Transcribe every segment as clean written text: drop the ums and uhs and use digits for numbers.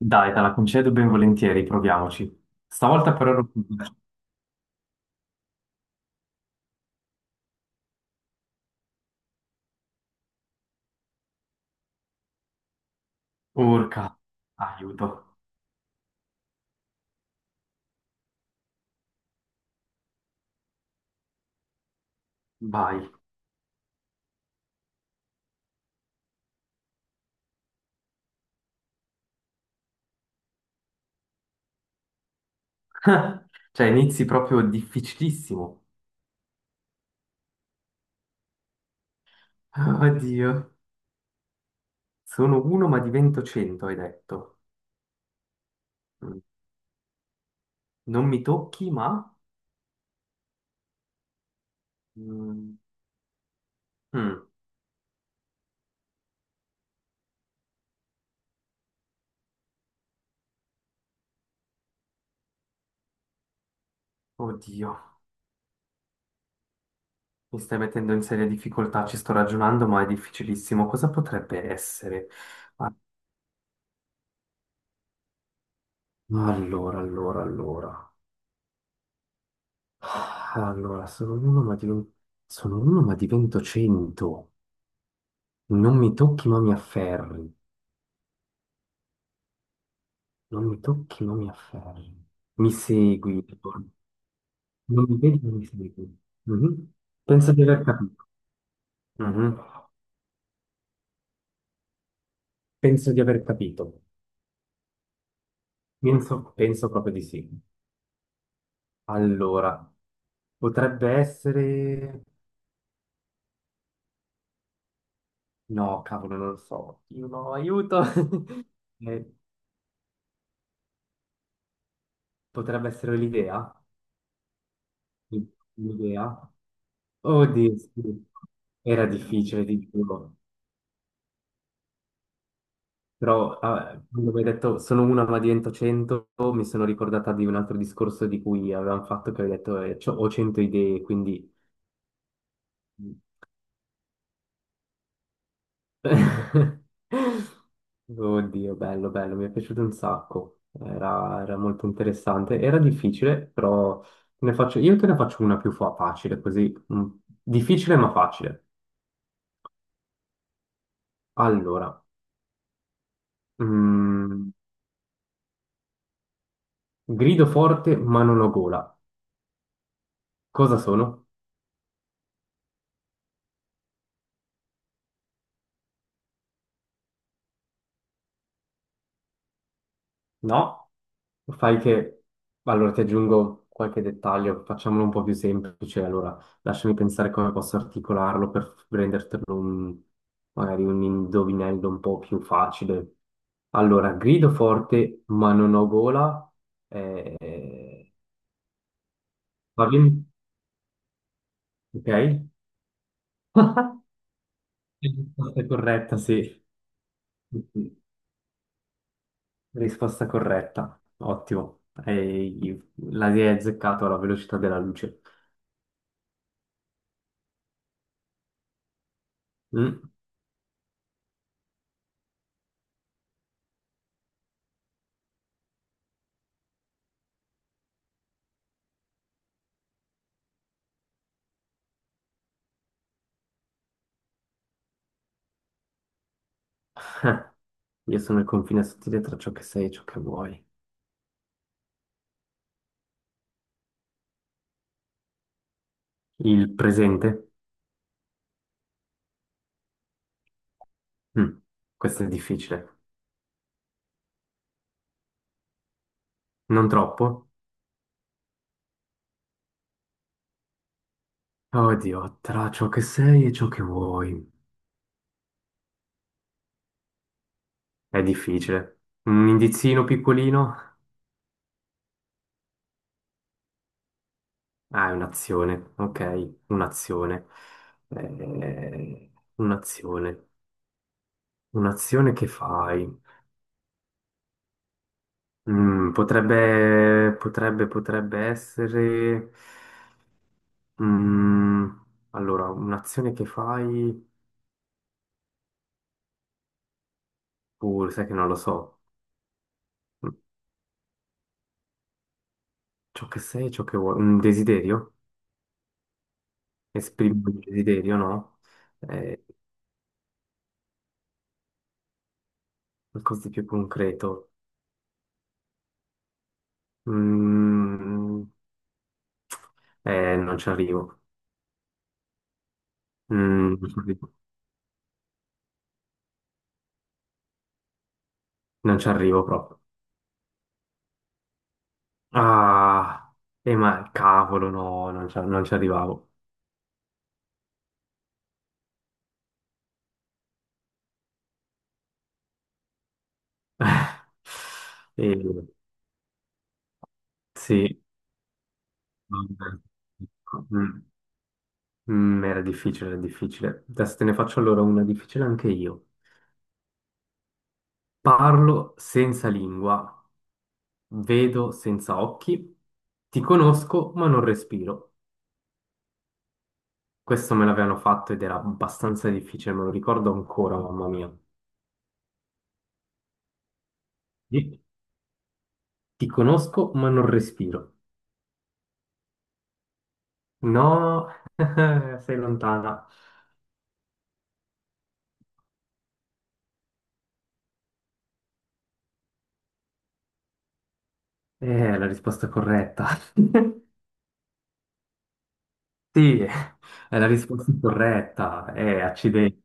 Dai, te la concedo ben volentieri, proviamoci. Stavolta però ero più veloce. Urca, aiuto, vai. Cioè, inizi proprio difficilissimo. Oddio, sono uno ma divento cento, hai detto. Mm. Non mi tocchi, ma... Mm. Mm. Oddio, mi stai mettendo in seria difficoltà, ci sto ragionando, ma è difficilissimo. Cosa potrebbe essere? Ah, allora, allora, allora. Ah, allora, sono uno, ma divento, sono uno, ma divento cento. Non mi tocchi, ma mi afferri. Non mi tocchi, ma mi afferri. Mi segui. Non mi vedi, ma mi segui. Mhm. Penso di aver capito. Mhm. Penso di aver capito. Penso proprio di sì. Allora, potrebbe essere... No, cavolo, non lo so. Io no, aiuto. Eh, potrebbe essere l'idea. L'idea. Oddio, sì. Era difficile, ti giuro. Però ah, quando mi hai detto sono una ma divento cento, mi sono ricordata di un altro discorso di cui avevamo fatto che avevi detto c'ho- ho cento idee, quindi... Oddio, bello, bello, mi è piaciuto un sacco. Era molto interessante. Era difficile, però ne faccio- io te ne faccio una più fa- facile, così. Mm, difficile ma facile. Allora, mm, grido forte ma non ho gola. Cosa sono? No, fai che... Allora ti aggiungo qualche dettaglio, facciamolo un po' più semplice. Allora, lasciami pensare come posso articolarlo per rendertelo un- magari un indovinello un po' più facile. Allora, grido forte ma non ho gola. eh, Va bene? Ok? Risposta corretta, sì. Risposta corretta. Ottimo. E la hai azzeccato alla velocità della luce. Mm. Io sono il confine sottile tra ciò che sei e ciò che vuoi. Il presente? Mm, questo è difficile. Non troppo? Oddio, tra ciò che sei e ciò che vuoi. È difficile. Un indizino piccolino? Ah, è un'azione. Ok, un'azione. Un'azione. Un'azione che fai? Potrebbe essere... Mm, allora, un'azione che fai... sai che non lo so. Ciò che sei, ciò che vuoi, un desiderio, esprimi un desiderio, no? Eh, qualcosa di più concreto. Mm, non ci arrivo. Non ci arrivo. Non ci arrivo proprio. Ah, ma cavolo, no, non ci arrivavo. Eh, sì, vabbè. Mm, era difficile, era difficile. Adesso te ne faccio allora una difficile anche io. Parlo senza lingua, vedo senza occhi, ti conosco ma non respiro. Questo me l'avevano fatto ed era abbastanza difficile, me lo ricordo ancora, mamma mia. Ti ti conosco ma non respiro. No, sei lontana. Eh, è la risposta corretta. Sì, è la risposta corretta. Accidenti,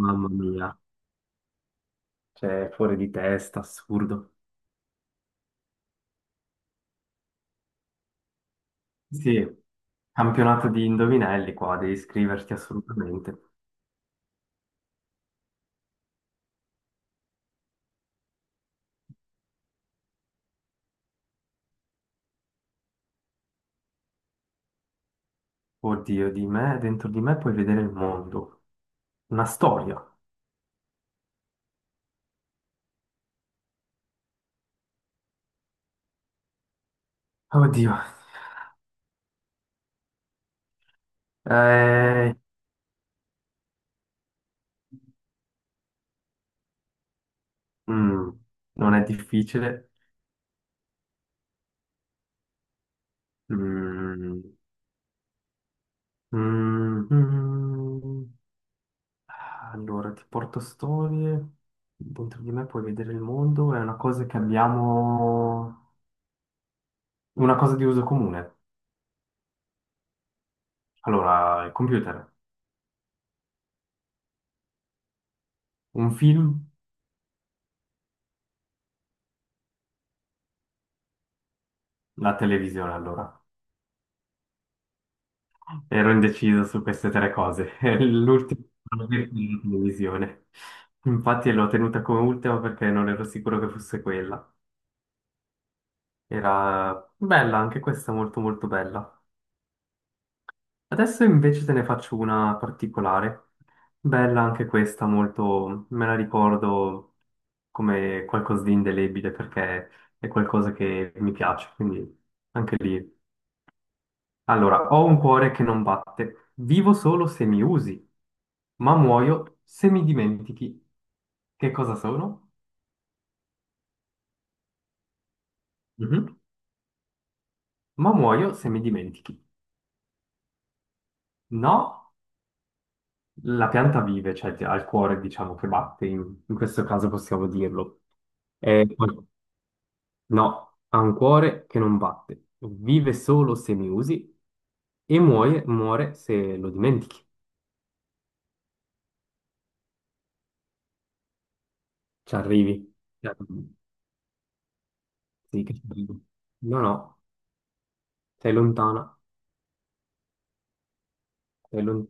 mamma mia. Cioè, fuori di testa, assurdo. Sì, campionato di indovinelli qua, devi iscriverti assolutamente. Oddio, di me, dentro di me puoi vedere il mondo. Una storia. Oddio. Eh, mm, non è difficile. Mm, mm, mm. Allora, ti porto storie. Dentro di me puoi vedere il mondo. È una cosa che abbiamo... Una cosa di uso comune. Allora, il computer. Un film. La televisione, allora. Ero indeciso su queste tre cose. L'ultimo era la televisione. Infatti l'ho tenuta come ultima perché non ero sicuro che fosse quella. Era bella, anche questa molto molto bella. Adesso invece te ne faccio una particolare. Bella anche questa, molto... me la ricordo come qualcosa di indelebile perché è qualcosa che mi piace, quindi anche lì. Allora, ho un cuore che non batte, vivo solo se mi usi, ma muoio se mi dimentichi. Che cosa sono? Mhm. Ma muoio se mi dimentichi. No, la pianta vive, cioè ti- ha il cuore, diciamo, che batte, in questo caso possiamo dirlo. E poi- no, ha un cuore che non batte, vive solo se mi usi e muoie- muore se lo dimentichi. Ci arrivi. Ci arrivi. Sì, che ci arrivi. No, no, sei lontana. E lui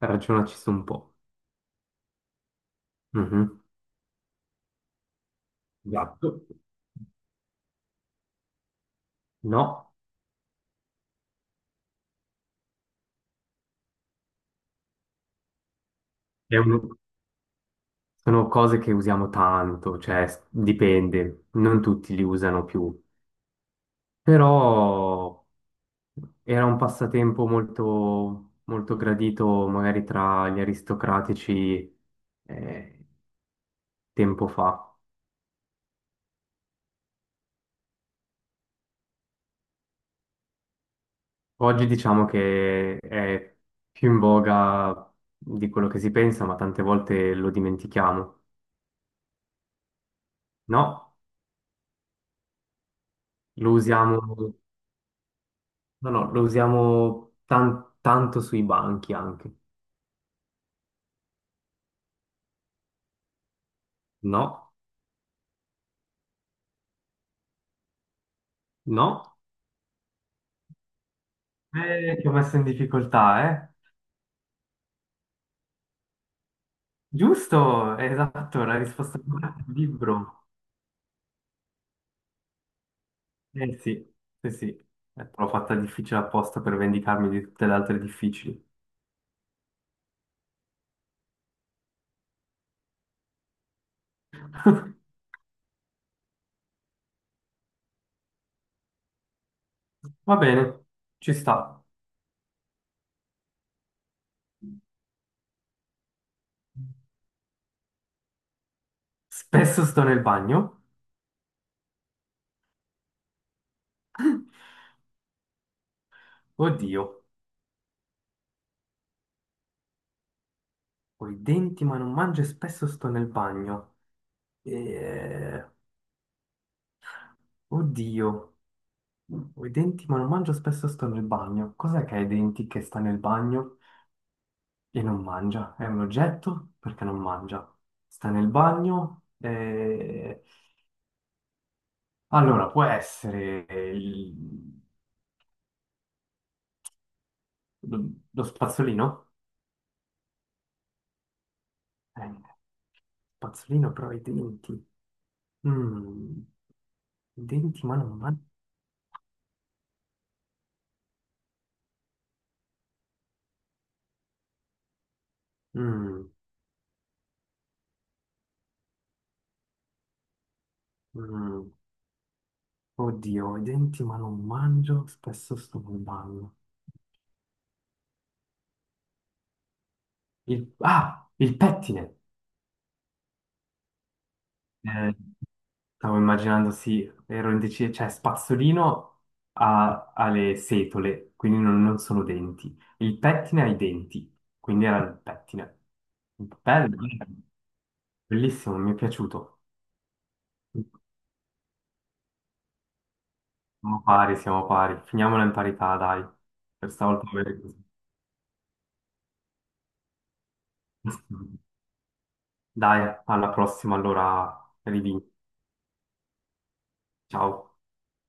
ragionaci su un po'. Mhm. Gatto. No, è un- sono cose che usiamo tanto, cioè s- dipende, non tutti li usano più, però era un passatempo molto, molto gradito magari tra gli aristocratici eh, tempo fa. Oggi diciamo che è più in voga di quello che si pensa, ma tante volte lo dimentichiamo. No, lo usiamo. No, no, lo usiamo tan- tanto sui banchi anche. No, no. Ti ho messo in difficoltà, eh? Giusto, esatto, la risposta corretta è il libro. Eh sì, sì, sì. L'ho fatta difficile apposta per vendicarmi di tutte le altre difficili. Va bene, ci sta. Spesso sto nel bagno. Oddio, ho i denti ma non mangio e spesso sto nel bagno. Eh, oddio. Ho i denti, ma non mangio spesso, sto nel bagno. Cos'è che ha i denti che sta nel bagno e non mangia? È un oggetto? Perché non mangia? Sta nel bagno e... Allora, può essere il- lo lo spazzolino? Eh, spazzolino, però ha i denti. Mm, i denti, ma non mangio. Mm, mm. Oddio, ho i denti, ma non mangio, spesso sto nel bagno. Il... Ah, il pettine! Eh, Stavo immaginando, sì, ero indeciso, cioè spazzolino ha le setole, quindi non sono denti. Il pettine ha i denti, quindi era il pettine. Bello, bellissimo, mi è piaciuto. Siamo pari, siamo pari. Finiamola in parità, dai. Per stavolta va bene così. Dai, alla prossima, allora rivi. Ciao.